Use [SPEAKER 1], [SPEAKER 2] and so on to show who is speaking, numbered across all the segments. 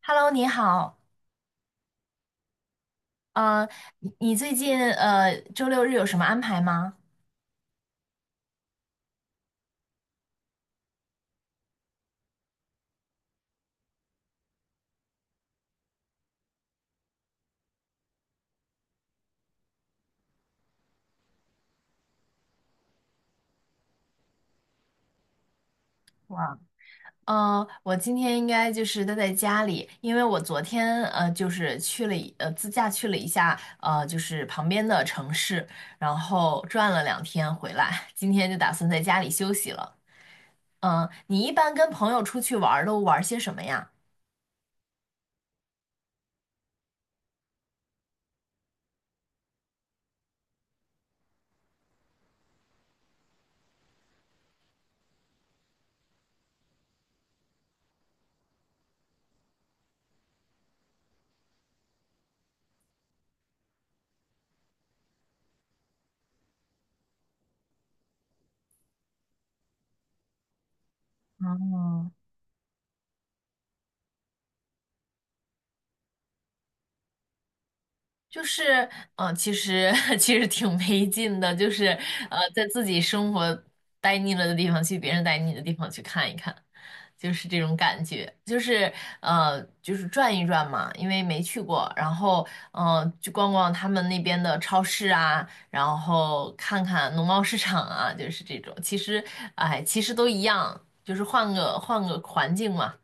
[SPEAKER 1] Hello，你好，呃，你最近周六日有什么安排吗？哇，我今天应该就是待在家里，因为我昨天就是去了一呃自驾去了一下就是旁边的城市，然后转了两天回来，今天就打算在家里休息了。你一般跟朋友出去玩儿都玩儿些什么呀？哦，就是，其实 其实挺没劲的，就是，在自己生活待腻了的地方去别人待腻的地方去看一看，就是这种感觉，就是，就是转一转嘛，因为没去过，然后，去逛逛他们那边的超市啊，然后看看农贸市场啊，就是这种，其实，哎，其实都一样，就是换个环境嘛。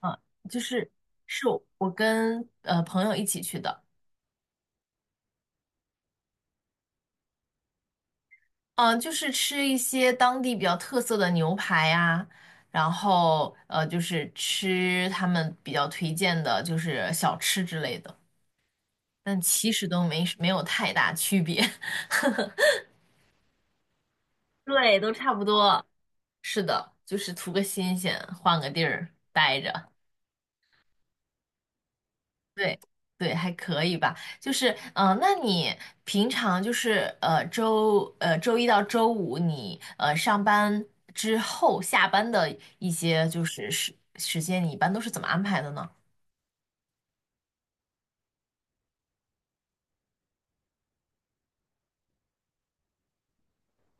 [SPEAKER 1] 啊、就是是我跟朋友一起去的。嗯，就是吃一些当地比较特色的牛排呀，然后就是吃他们比较推荐的，就是小吃之类的，但其实都没有太大区别。对，都差不多。是的，就是图个新鲜，换个地儿待着。对对，还可以吧。就是那你平常就是周一到周五你上班之后下班的一些就是时间，你一般都是怎么安排的呢？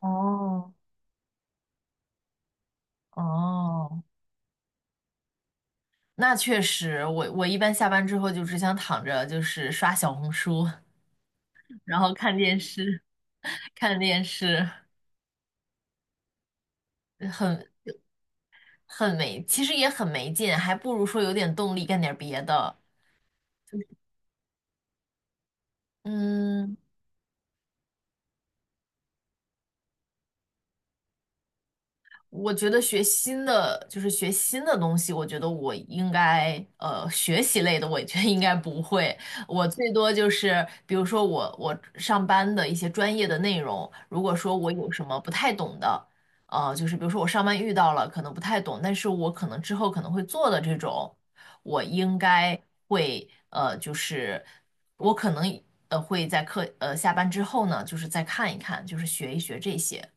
[SPEAKER 1] 哦，哦，那确实，我一般下班之后就只想躺着，就是刷小红书。然后看电视，看电视。呃很很没，其实也很没劲，还不如说有点动力干点别的。嗯，我觉得学新的就是学新的东西，我觉得我应该学习类的，我觉得应该不会。我最多就是比如说我上班的一些专业的内容，如果说我有什么不太懂的，就是比如说我上班遇到了可能不太懂，但是我可能之后可能会做的这种，我应该会就是我可能会在下班之后呢，就是再看一看，就是学一学这些。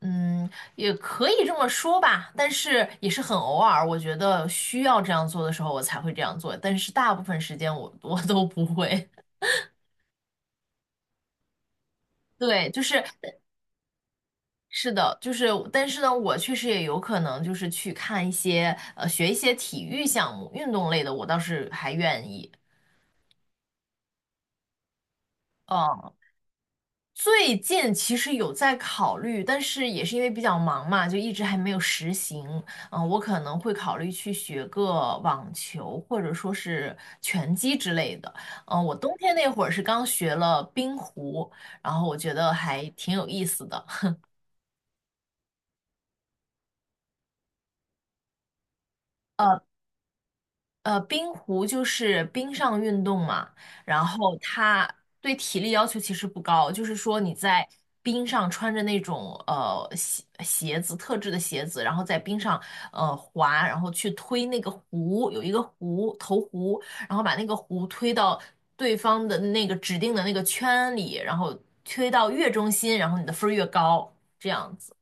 [SPEAKER 1] 嗯，也可以这么说吧，但是也是很偶尔，我觉得需要这样做的时候，我才会这样做，但是大部分时间我都不会。对，就是是的，就是但是呢，我确实也有可能就是去看一些学一些体育项目、运动类的，我倒是还愿意。嗯。最近其实有在考虑，但是也是因为比较忙嘛，就一直还没有实行。嗯，我可能会考虑去学个网球，或者说是拳击之类的。嗯，我冬天那会儿是刚学了冰壶，然后我觉得还挺有意思的。冰壶就是冰上运动嘛，然后它对体力要求其实不高，就是说你在冰上穿着那种鞋子，特制的鞋子，然后在冰上滑，然后去推那个壶，有一个壶投壶，然后把那个壶推到对方的那个指定的那个圈里，然后推到越中心，然后你的分儿越高，这样子。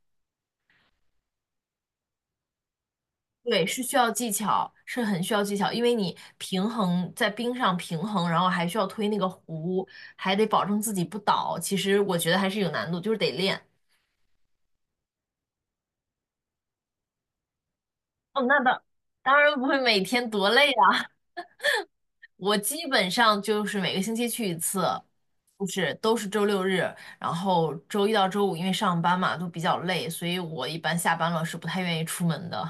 [SPEAKER 1] 对，是需要技巧，是很需要技巧，因为你在冰上平衡，然后还需要推那个壶，还得保证自己不倒。其实我觉得还是有难度，就是得练。哦，那当 当然不会每天多累啊。我基本上就是每个星期去一次，就是都是周六日，然后周一到周五因为上班嘛都比较累，所以我一般下班了是不太愿意出门的。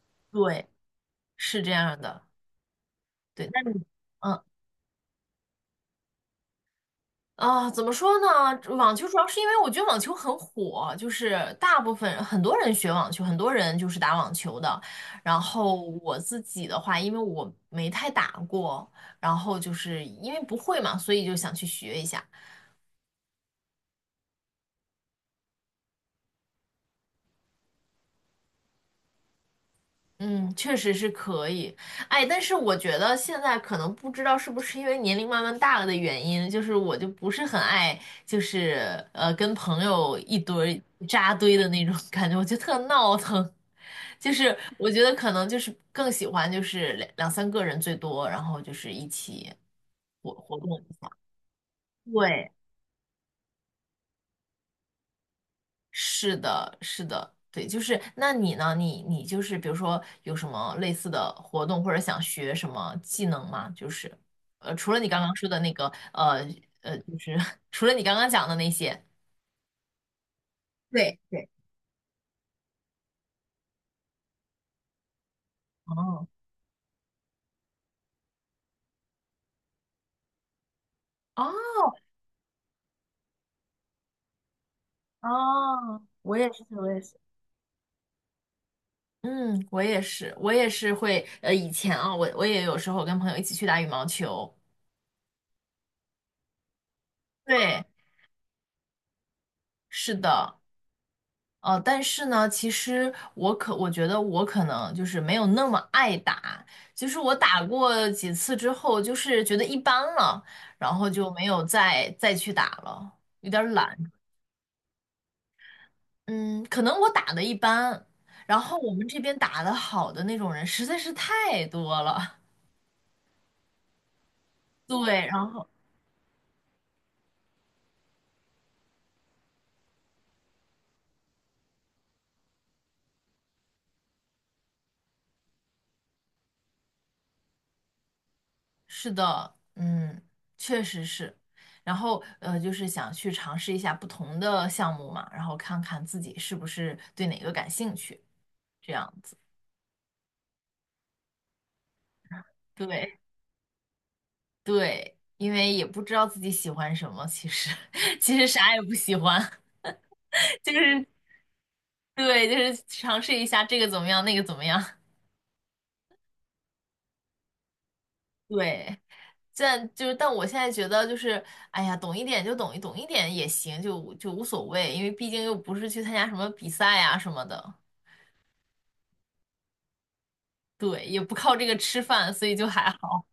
[SPEAKER 1] 对，是这样的。对，那你？嗯。啊，怎么说呢？网球主要是因为我觉得网球很火，就是大部分很多人学网球，很多人就是打网球的。然后我自己的话，因为我没太打过，然后就是因为不会嘛，所以就想去学一下。嗯，确实是可以，哎，但是我觉得现在可能不知道是不是因为年龄慢慢大了的原因，就是我就不是很爱，就是跟朋友一堆儿扎堆的那种 感觉，我觉得特闹腾。就是我觉得可能就是更喜欢就是两两三个人最多，然后就是一起活动一下。对，是的，是的，对。就是那你呢？你就是比如说有什么类似的活动，或者想学什么技能吗？就是除了你刚刚说的那个，呃就是 除了你刚刚讲的那些。对对，哦哦哦，我也是，我也是。嗯，我也是，我也是会，以前啊，我也有时候跟朋友一起去打羽毛球。对，是的，但是呢，其实我觉得我可能就是没有那么爱打，就是我打过几次之后，就是觉得一般了，然后就没有再去打了，有点儿懒。嗯，可能我打的一般，然后我们这边打的好的那种人实在是太多了。对，然后。是的，嗯，确实是。然后就是想去尝试一下不同的项目嘛，然后看看自己是不是对哪个感兴趣，这样子。对对，因为也不知道自己喜欢什么，其实 其实啥也不喜欢，就是对，就是尝试一下这个怎么样，那个怎么样。对，这就是，但我现在觉得就是，哎呀，懂一点就懂一点也行，就无所谓，因为毕竟又不是去参加什么比赛啊什么的。对，也不靠这个吃饭，所以就还好。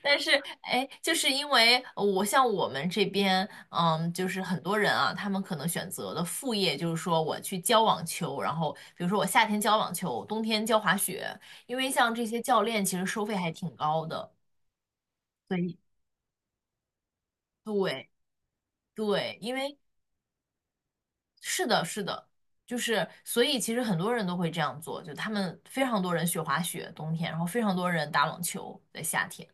[SPEAKER 1] 但是，哎，就是因为像我们这边，嗯，就是很多人啊，他们可能选择的副业就是说我去教网球，然后比如说我夏天教网球，冬天教滑雪，因为像这些教练其实收费还挺高的。所以对对，因为。是的，是的，就是所以其实很多人都会这样做，就他们非常多人学滑雪冬天，然后非常多人打网球在夏天。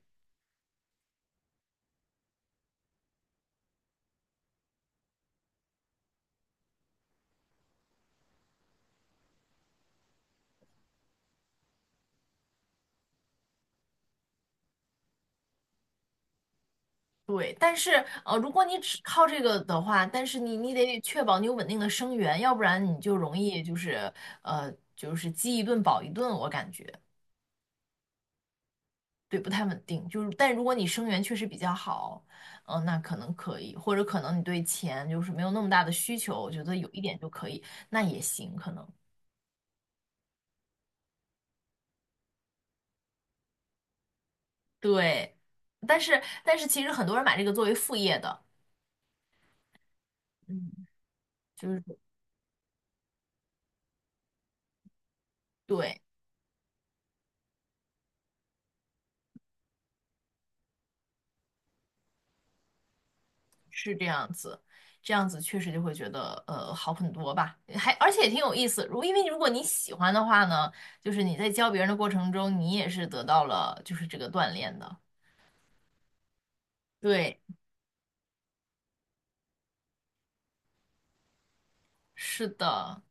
[SPEAKER 1] 对，但是如果你只靠这个的话，但是你得确保你有稳定的生源，要不然你就容易就是呃就是饥一顿饱一顿，我感觉。对，不太稳定。就是但如果你生源确实比较好，那可能可以，或者可能你对钱就是没有那么大的需求，我觉得有一点就可以，那也行，可能。对，但是其实很多人买这个作为副业的。嗯，就是对，是这样子，这样子确实就会觉得好很多吧，而且也挺有意思。因为如果你喜欢的话呢，就是你在教别人的过程中，你也是得到了就是这个锻炼的。对，是的。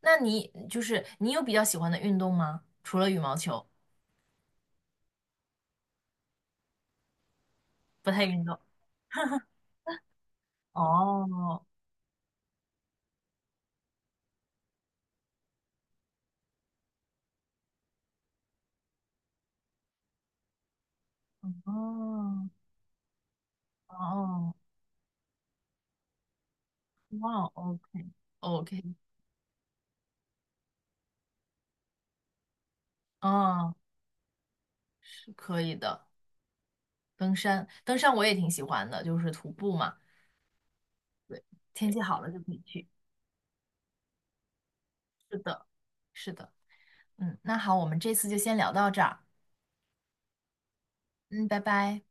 [SPEAKER 1] 那你就是你有比较喜欢的运动吗？除了羽毛球，不太运动。哦，哦，哦，哦哇，OK，OK，哦。可以的，登山，登山我也挺喜欢的，就是徒步嘛，天气好了就可以去。是的，嗯，那好，我们这次就先聊到这儿，嗯，拜拜。